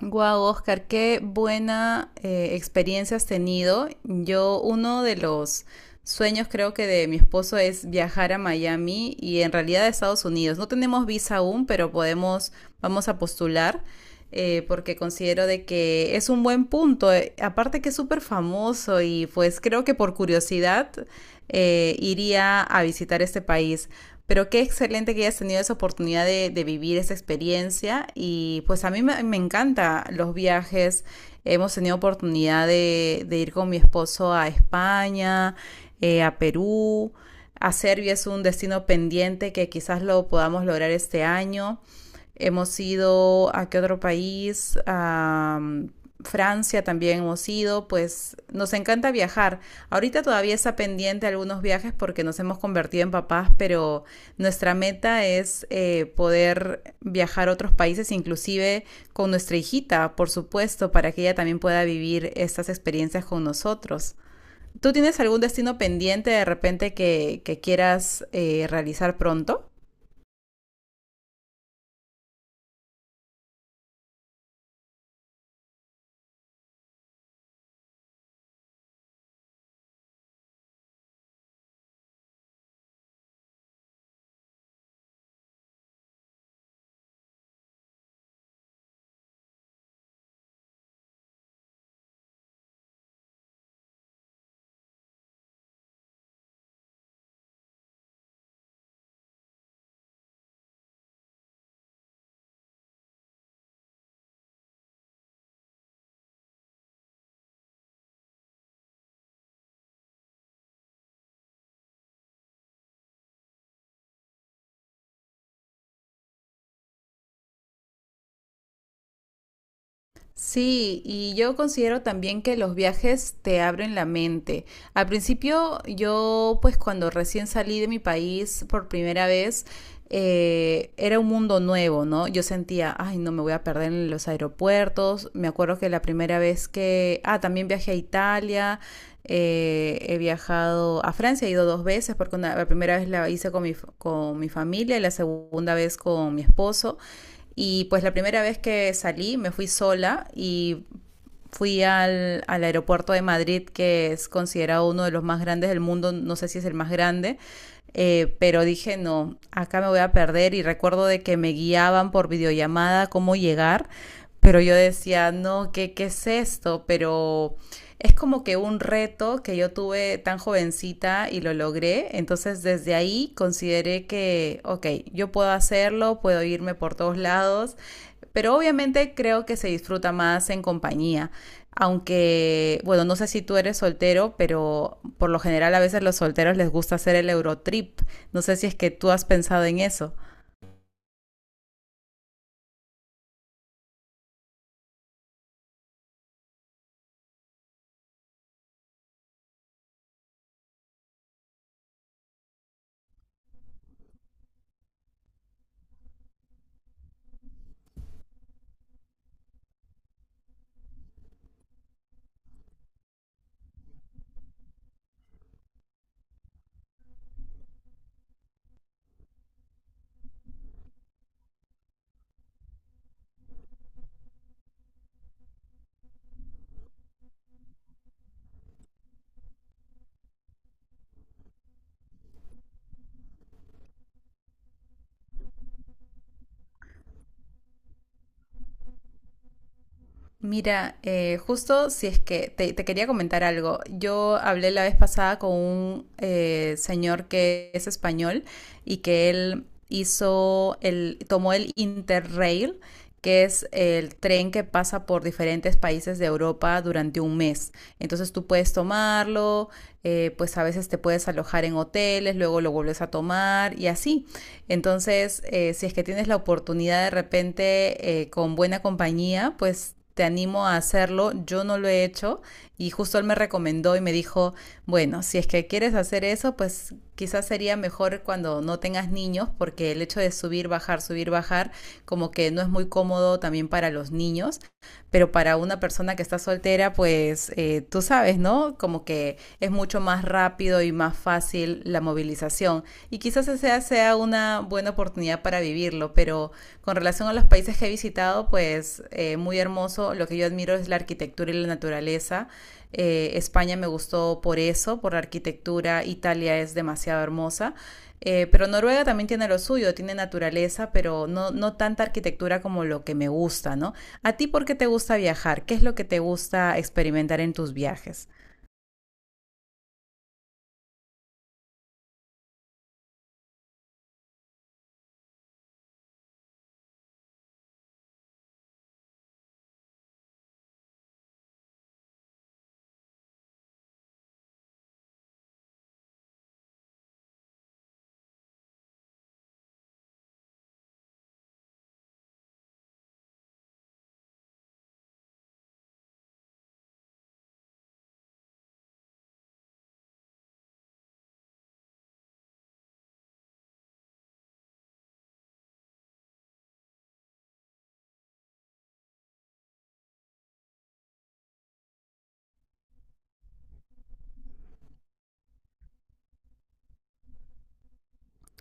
Guau, Oscar, qué buena experiencia has tenido. Yo, uno de los sueños creo que de mi esposo es viajar a Miami y en realidad a Estados Unidos. No tenemos visa aún, pero podemos, vamos a postular porque considero de que es un buen punto. Aparte que es súper famoso y pues creo que por curiosidad iría a visitar este país. Pero qué excelente que hayas tenido esa oportunidad de vivir esa experiencia y pues a mí me encanta los viajes. Hemos tenido oportunidad de ir con mi esposo a España, a Perú, a Serbia es un destino pendiente que quizás lo podamos lograr este año. Hemos ido a qué otro país, Francia también hemos ido, pues nos encanta viajar. Ahorita todavía está pendiente algunos viajes porque nos hemos convertido en papás, pero nuestra meta es poder viajar a otros países, inclusive con nuestra hijita, por supuesto, para que ella también pueda vivir estas experiencias con nosotros. ¿Tú tienes algún destino pendiente de repente que quieras realizar pronto? Sí, y yo considero también que los viajes te abren la mente. Al principio, yo pues cuando recién salí de mi país por primera vez, era un mundo nuevo, ¿no? Yo sentía, ay, no me voy a perder en los aeropuertos. Me acuerdo que la primera vez que, también viajé a Italia, he viajado a Francia, he ido dos veces, porque la primera vez la hice con mi, con mi familia y la segunda vez con mi esposo. Y pues la primera vez que salí me fui sola y fui al aeropuerto de Madrid, que es considerado uno de los más grandes del mundo, no sé si es el más grande, pero dije, no, acá me voy a perder y recuerdo de que me guiaban por videollamada cómo llegar, pero yo decía, no, ¿qué, qué es esto? Pero es como que un reto que yo tuve tan jovencita y lo logré. Entonces desde ahí consideré que, ok, yo puedo hacerlo, puedo irme por todos lados, pero obviamente creo que se disfruta más en compañía. Aunque, bueno, no sé si tú eres soltero, pero por lo general a veces los solteros les gusta hacer el Eurotrip. No sé si es que tú has pensado en eso. Mira, justo si es que te quería comentar algo. Yo hablé la vez pasada con un señor que es español y que él hizo el, tomó el Interrail, que es el tren que pasa por diferentes países de Europa durante un mes. Entonces tú puedes tomarlo, pues a veces te puedes alojar en hoteles, luego lo vuelves a tomar y así. Entonces, si es que tienes la oportunidad de repente con buena compañía, pues te animo a hacerlo. Yo no lo he hecho y justo él me recomendó y me dijo, bueno, si es que quieres hacer eso, pues quizás sería mejor cuando no tengas niños, porque el hecho de subir, bajar, como que no es muy cómodo también para los niños, pero para una persona que está soltera, pues tú sabes, ¿no? Como que es mucho más rápido y más fácil la movilización y quizás esa sea una buena oportunidad para vivirlo, pero con relación a los países que he visitado, pues muy hermoso, lo que yo admiro es la arquitectura y la naturaleza. España me gustó por eso, por la arquitectura, Italia es demasiado hermosa. Pero Noruega también tiene lo suyo, tiene naturaleza, pero no, no tanta arquitectura como lo que me gusta, ¿no? ¿A ti por qué te gusta viajar? ¿Qué es lo que te gusta experimentar en tus viajes?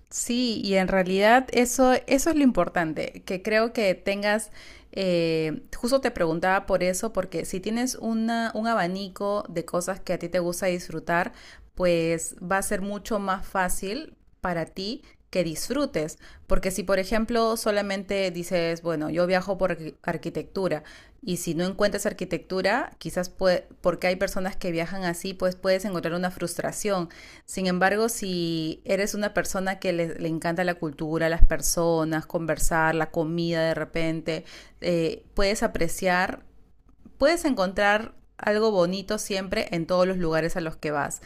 Sí, y en realidad eso es lo importante, que creo que tengas, justo te preguntaba por eso, porque si tienes una, un abanico de cosas que a ti te gusta disfrutar, pues va a ser mucho más fácil para ti que disfrutes, porque si por ejemplo solamente dices, bueno, yo viajo por arquitectura y si no encuentras arquitectura, quizás porque hay personas que viajan así, pues puedes encontrar una frustración sin embargo, si eres una persona que le encanta la cultura, las personas, conversar, la comida de repente, puedes apreciar, puedes encontrar algo bonito siempre en todos los lugares a los que vas.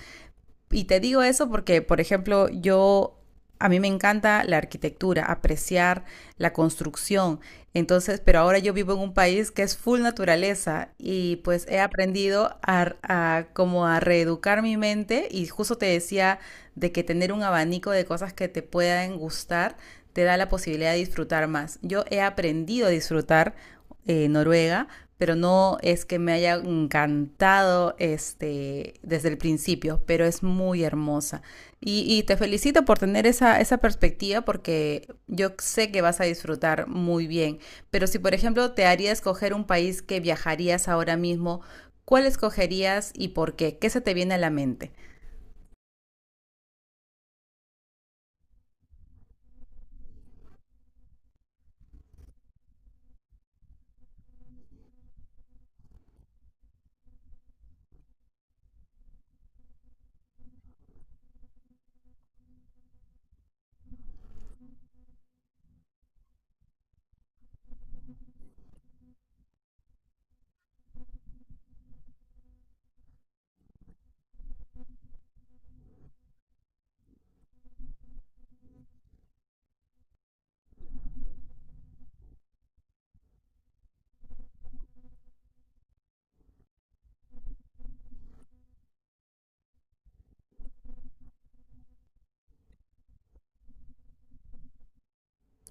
Y te digo eso porque, por ejemplo, yo a mí me encanta la arquitectura, apreciar la construcción. Entonces, pero ahora yo vivo en un país que es full naturaleza y pues he aprendido a como a reeducar mi mente y justo te decía de que tener un abanico de cosas que te puedan gustar te da la posibilidad de disfrutar más. Yo he aprendido a disfrutar Noruega, pero no es que me haya encantado este, desde el principio, pero es muy hermosa. Y te felicito por tener esa perspectiva porque yo sé que vas a disfrutar muy bien, pero si por ejemplo te haría escoger un país que viajarías ahora mismo, ¿cuál escogerías y por qué? ¿Qué se te viene a la mente?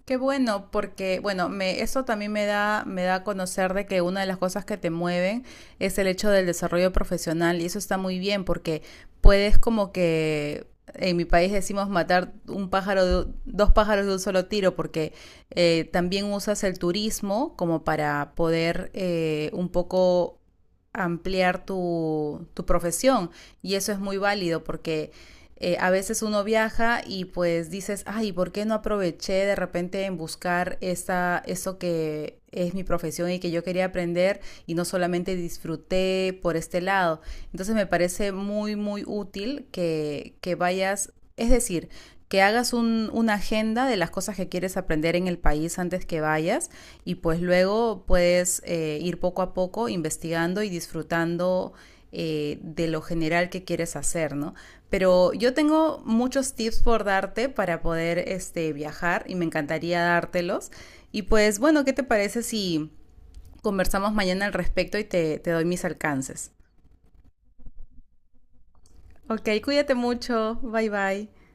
Qué bueno, porque bueno, me, eso también me da a conocer de que una de las cosas que te mueven es el hecho del desarrollo profesional y eso está muy bien porque puedes como que en mi país decimos matar un pájaro de, dos pájaros de un solo tiro porque también usas el turismo como para poder un poco ampliar tu profesión y eso es muy válido porque a veces uno viaja y pues dices, ay, ¿por qué no aproveché de repente en buscar esa, eso que es mi profesión y que yo quería aprender y no solamente disfruté por este lado? Entonces me parece muy útil que vayas, es decir, que hagas un, una agenda de las cosas que quieres aprender en el país antes que vayas y pues luego puedes ir poco a poco investigando y disfrutando de lo general que quieres hacer, ¿no? Pero yo tengo muchos tips por darte para poder este, viajar y me encantaría dártelos. Y pues bueno, ¿qué te parece si conversamos mañana al respecto y te doy mis alcances? Ok, cuídate mucho. Bye bye.